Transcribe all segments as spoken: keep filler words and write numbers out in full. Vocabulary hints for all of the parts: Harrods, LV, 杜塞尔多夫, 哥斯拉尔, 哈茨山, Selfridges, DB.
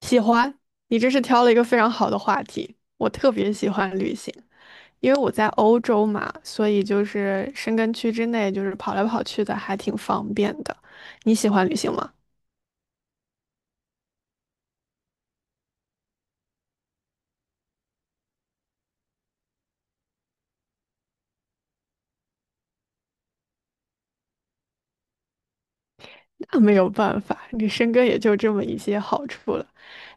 喜欢，你这是挑了一个非常好的话题。我特别喜欢旅行，因为我在欧洲嘛，所以就是申根区之内，就是跑来跑去的，还挺方便的。你喜欢旅行吗？那没有办法，你申根也就这么一些好处了。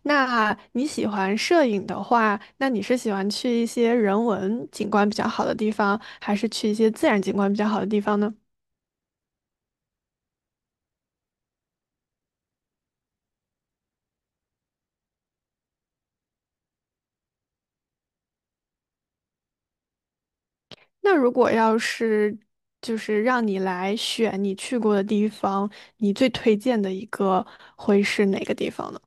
那你喜欢摄影的话，那你是喜欢去一些人文景观比较好的地方，还是去一些自然景观比较好的地方呢？那如果要是就是让你来选你去过的地方，你最推荐的一个会是哪个地方呢？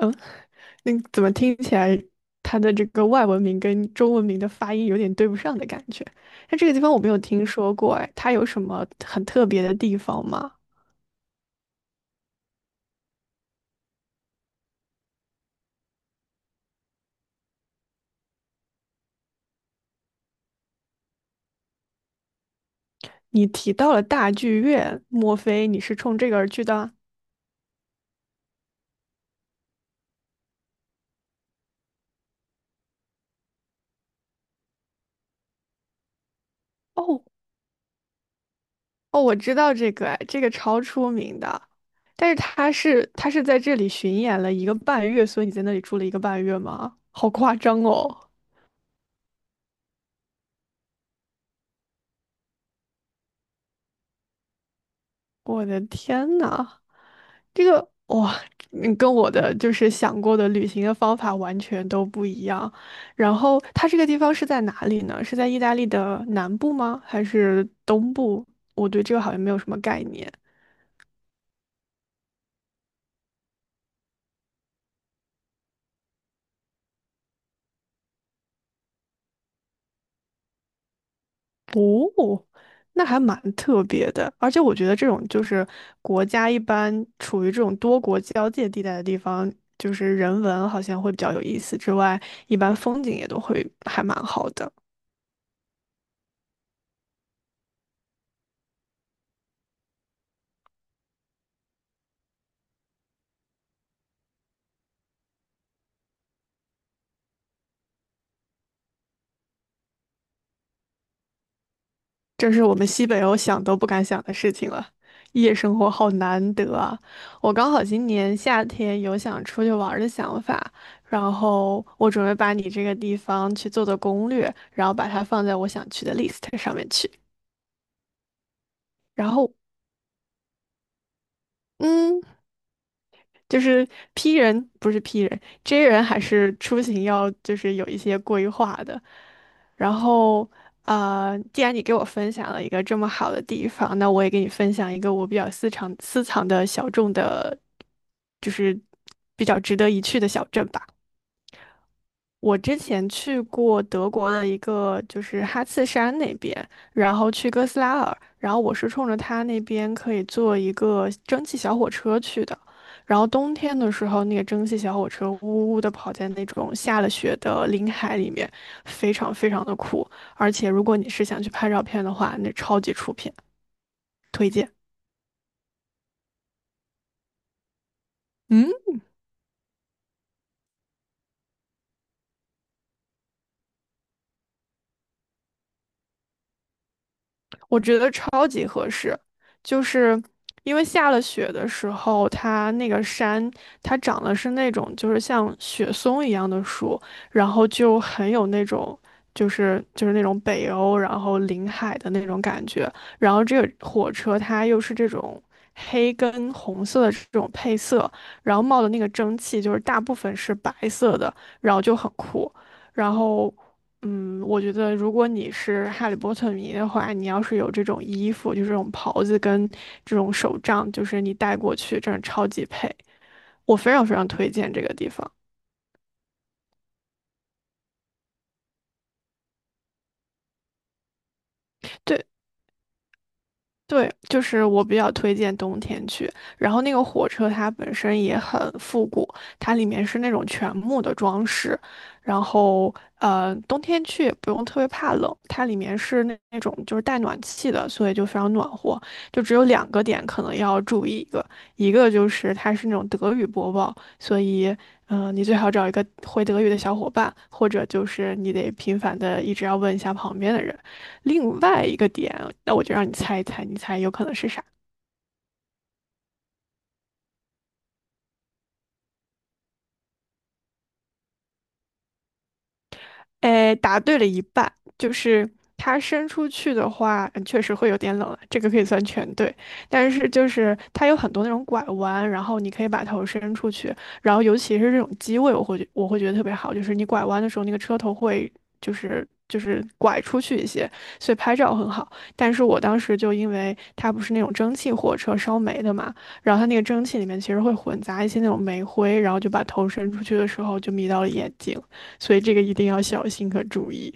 嗯，那怎么听起来它的这个外文名跟中文名的发音有点对不上的感觉？那这个地方我没有听说过，哎，它有什么很特别的地方吗？你提到了大剧院，莫非你是冲这个而去的？哦，哦，我知道这个，哎，这个超出名的，但是他是他是在这里巡演了一个半月，所以你在那里住了一个半月吗？好夸张哦！我的天呐，这个哇，你跟我的就是想过的旅行的方法完全都不一样。然后它这个地方是在哪里呢？是在意大利的南部吗？还是东部？我对这个好像没有什么概念。那还蛮特别的，而且我觉得这种就是国家一般处于这种多国交界地带的地方，就是人文好像会比较有意思之外，一般风景也都会还蛮好的。这是我们西北欧想都不敢想的事情了，夜生活好难得啊！我刚好今年夏天有想出去玩儿的想法，然后我准备把你这个地方去做做攻略，然后把它放在我想去的 list 上面去，然后。嗯，就是 P 人不是 P 人，J 人还是出行要就是有一些规划的。然后，啊，既然你给我分享了一个这么好的地方，那我也给你分享一个我比较私藏私藏的小众的，就是比较值得一去的小镇吧。我之前去过德国的一个，就是哈茨山那边，然后去哥斯拉尔，然后我是冲着他那边可以坐一个蒸汽小火车去的，然后冬天的时候，那个蒸汽小火车呜呜的跑在那种下了雪的林海里面，非常非常的酷，而且如果你是想去拍照片的话，那超级出片，推荐。嗯，我觉得超级合适，就是因为下了雪的时候，它那个山它长的是那种就是像雪松一样的树，然后就很有那种就是就是那种北欧然后临海的那种感觉，然后这个火车它又是这种。黑跟红色的这种配色，然后冒的那个蒸汽就是大部分是白色的，然后就很酷。然后嗯，我觉得如果你是哈利波特迷的话，你要是有这种衣服，就是这种袍子跟这种手杖，就是你带过去，真的超级配。我非常非常推荐这个地方。对，对，就是我比较推荐冬天去。然后那个火车它本身也很复古，它里面是那种全木的装饰。然后，呃，冬天去也不用特别怕冷，它里面是那那种就是带暖气的，所以就非常暖和。就只有两个点可能要注意一个，一个就是它是那种德语播报，所以，嗯、你最好找一个会德语的小伙伴，或者就是你得频繁的一直要问一下旁边的人。另外一个点，那我就让你猜一猜，你猜有可能是啥？哎，答对了一半，就是它伸出去的话，嗯确实会有点冷了，这个可以算全对。但是就是它有很多那种拐弯，然后你可以把头伸出去，然后尤其是这种机位，我会觉我会觉得特别好，就是你拐弯的时候，那个车头会就是就是拐出去一些，所以拍照很好。但是我当时就因为它不是那种蒸汽火车烧煤的嘛，然后它那个蒸汽里面其实会混杂一些那种煤灰，然后就把头伸出去的时候就迷到了眼睛。所以这个一定要小心和注意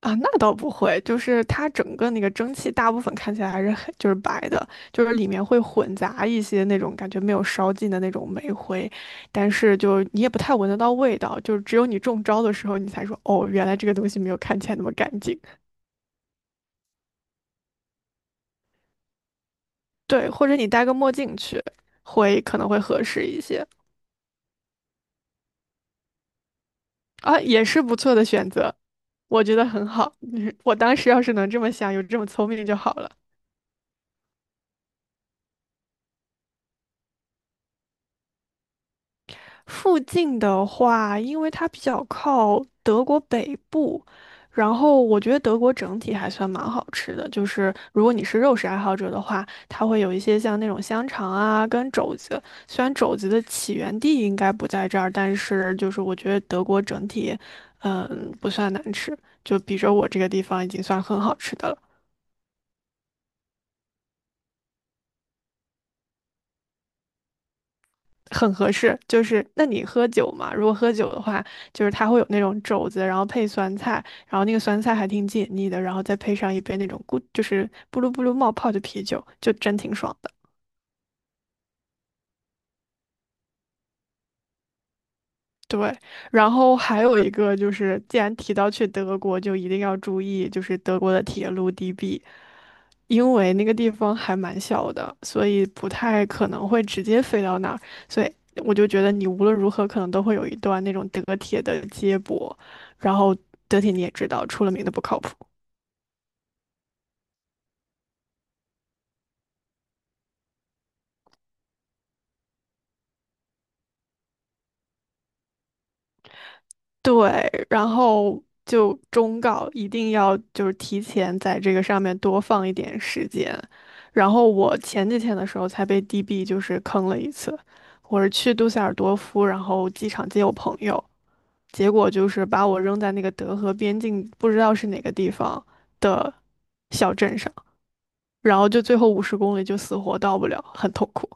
啊。那倒不会，就是它整个那个蒸汽大部分看起来还是很就是白的，就是里面会混杂一些那种感觉没有烧尽的那种煤灰，但是就你也不太闻得到味道，就是只有你中招的时候你才说哦，原来这个东西没有看起来那么干净。对，或者你戴个墨镜去，会可能会合适一些啊，也是不错的选择，我觉得很好。我当时要是能这么想，有这么聪明就好了。附近的话，因为它比较靠德国北部，然后我觉得德国整体还算蛮好吃的。就是如果你是肉食爱好者的话，它会有一些像那种香肠啊跟肘子。虽然肘子的起源地应该不在这儿，但是就是我觉得德国整体，嗯，不算难吃，就比着我这个地方已经算很好吃的了。很合适，就是那你喝酒嘛，如果喝酒的话，就是它会有那种肘子，然后配酸菜，然后那个酸菜还挺解腻的，然后再配上一杯那种咕，就是咕噜咕噜冒泡的啤酒，就真挺爽的。对，然后还有一个就是，既然提到去德国，就一定要注意，就是德国的铁路 D B。因为那个地方还蛮小的，所以不太可能会直接飞到那儿，所以我就觉得你无论如何可能都会有一段那种德铁的接驳，然后德铁你也知道，出了名的不靠谱。对，然后就忠告一定要就是提前在这个上面多放一点时间。然后我前几天的时候才被 D B 就是坑了一次，我是去杜塞尔多夫，然后机场接我朋友。结果就是把我扔在那个德和边境，不知道是哪个地方的小镇上，然后就最后五十公里就死活到不了，很痛苦。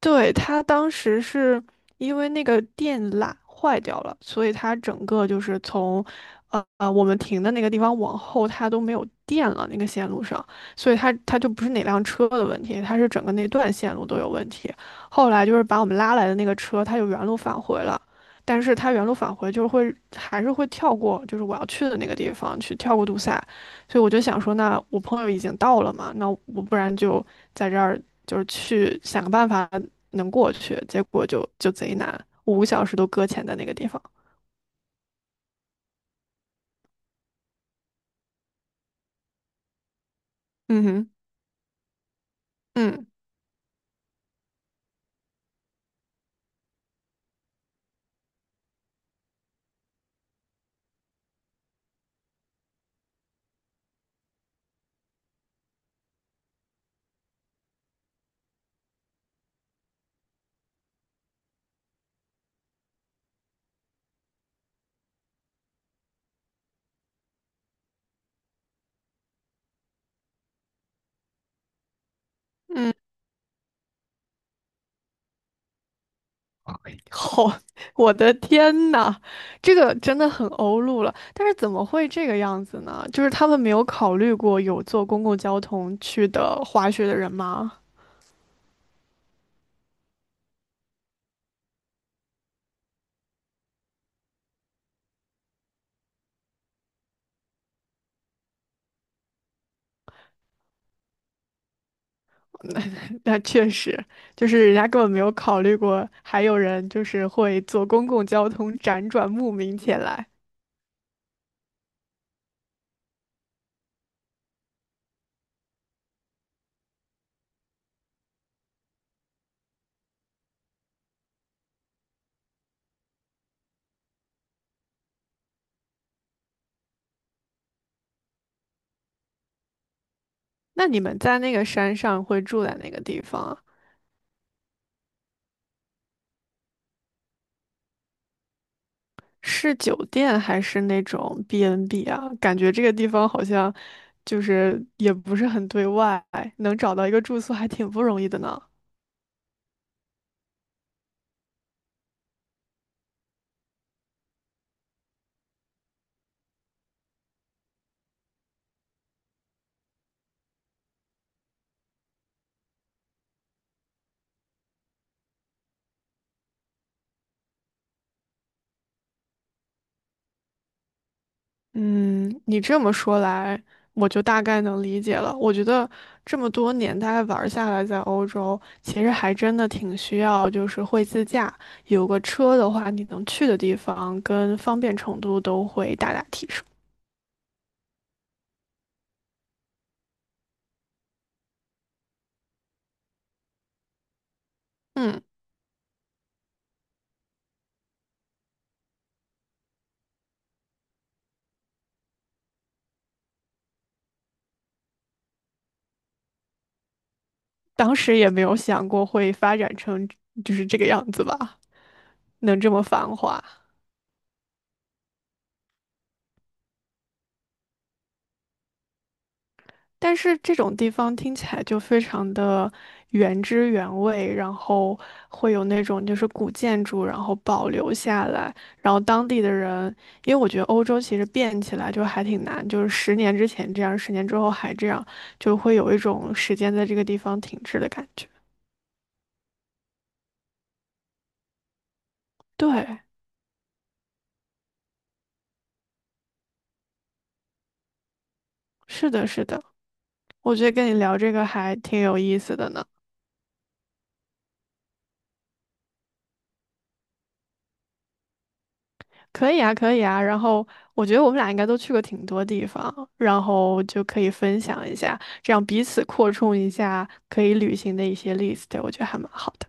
对，他当时是因为那个电缆坏掉了，所以他整个就是从，呃呃，我们停的那个地方往后，它都没有电了，那个线路上，所以它它就不是哪辆车的问题，它是整个那段线路都有问题。后来就是把我们拉来的那个车，它就原路返回了，但是它原路返回就是会还是会跳过，就是我要去的那个地方去跳过堵塞，所以我就想说，那我朋友已经到了嘛，那我不然就在这儿就是去想个办法能过去，结果就就贼难，五个小时都搁浅在那个地方。嗯哼。嗯嗯。好。我的天呐，这个真的很欧陆了。但是怎么会这个样子呢？就是他们没有考虑过有坐公共交通去的滑雪的人吗？那确实，就是人家根本没有考虑过，还有人就是会坐公共交通辗转慕名前来。那你们在那个山上会住在哪个地方啊？是酒店还是那种 B and B n 啊？感觉这个地方好像就是也不是很对外，能找到一个住宿还挺不容易的呢。嗯，你这么说来，我就大概能理解了。我觉得这么多年大概玩儿下来，在欧洲其实还真的挺需要，就是会自驾，有个车的话，你能去的地方跟方便程度都会大大提升。嗯，当时也没有想过会发展成就是这个样子吧，能这么繁华。但是这种地方听起来就非常的原汁原味，然后会有那种就是古建筑，然后保留下来，然后当地的人，因为我觉得欧洲其实变起来就还挺难，就是十年之前这样，十年之后还这样，就会有一种时间在这个地方停滞的感觉。对，是的，是的，我觉得跟你聊这个还挺有意思的呢。可以啊，可以啊。然后我觉得我们俩应该都去过挺多地方，然后就可以分享一下，这样彼此扩充一下可以旅行的一些 list，我觉得还蛮好的。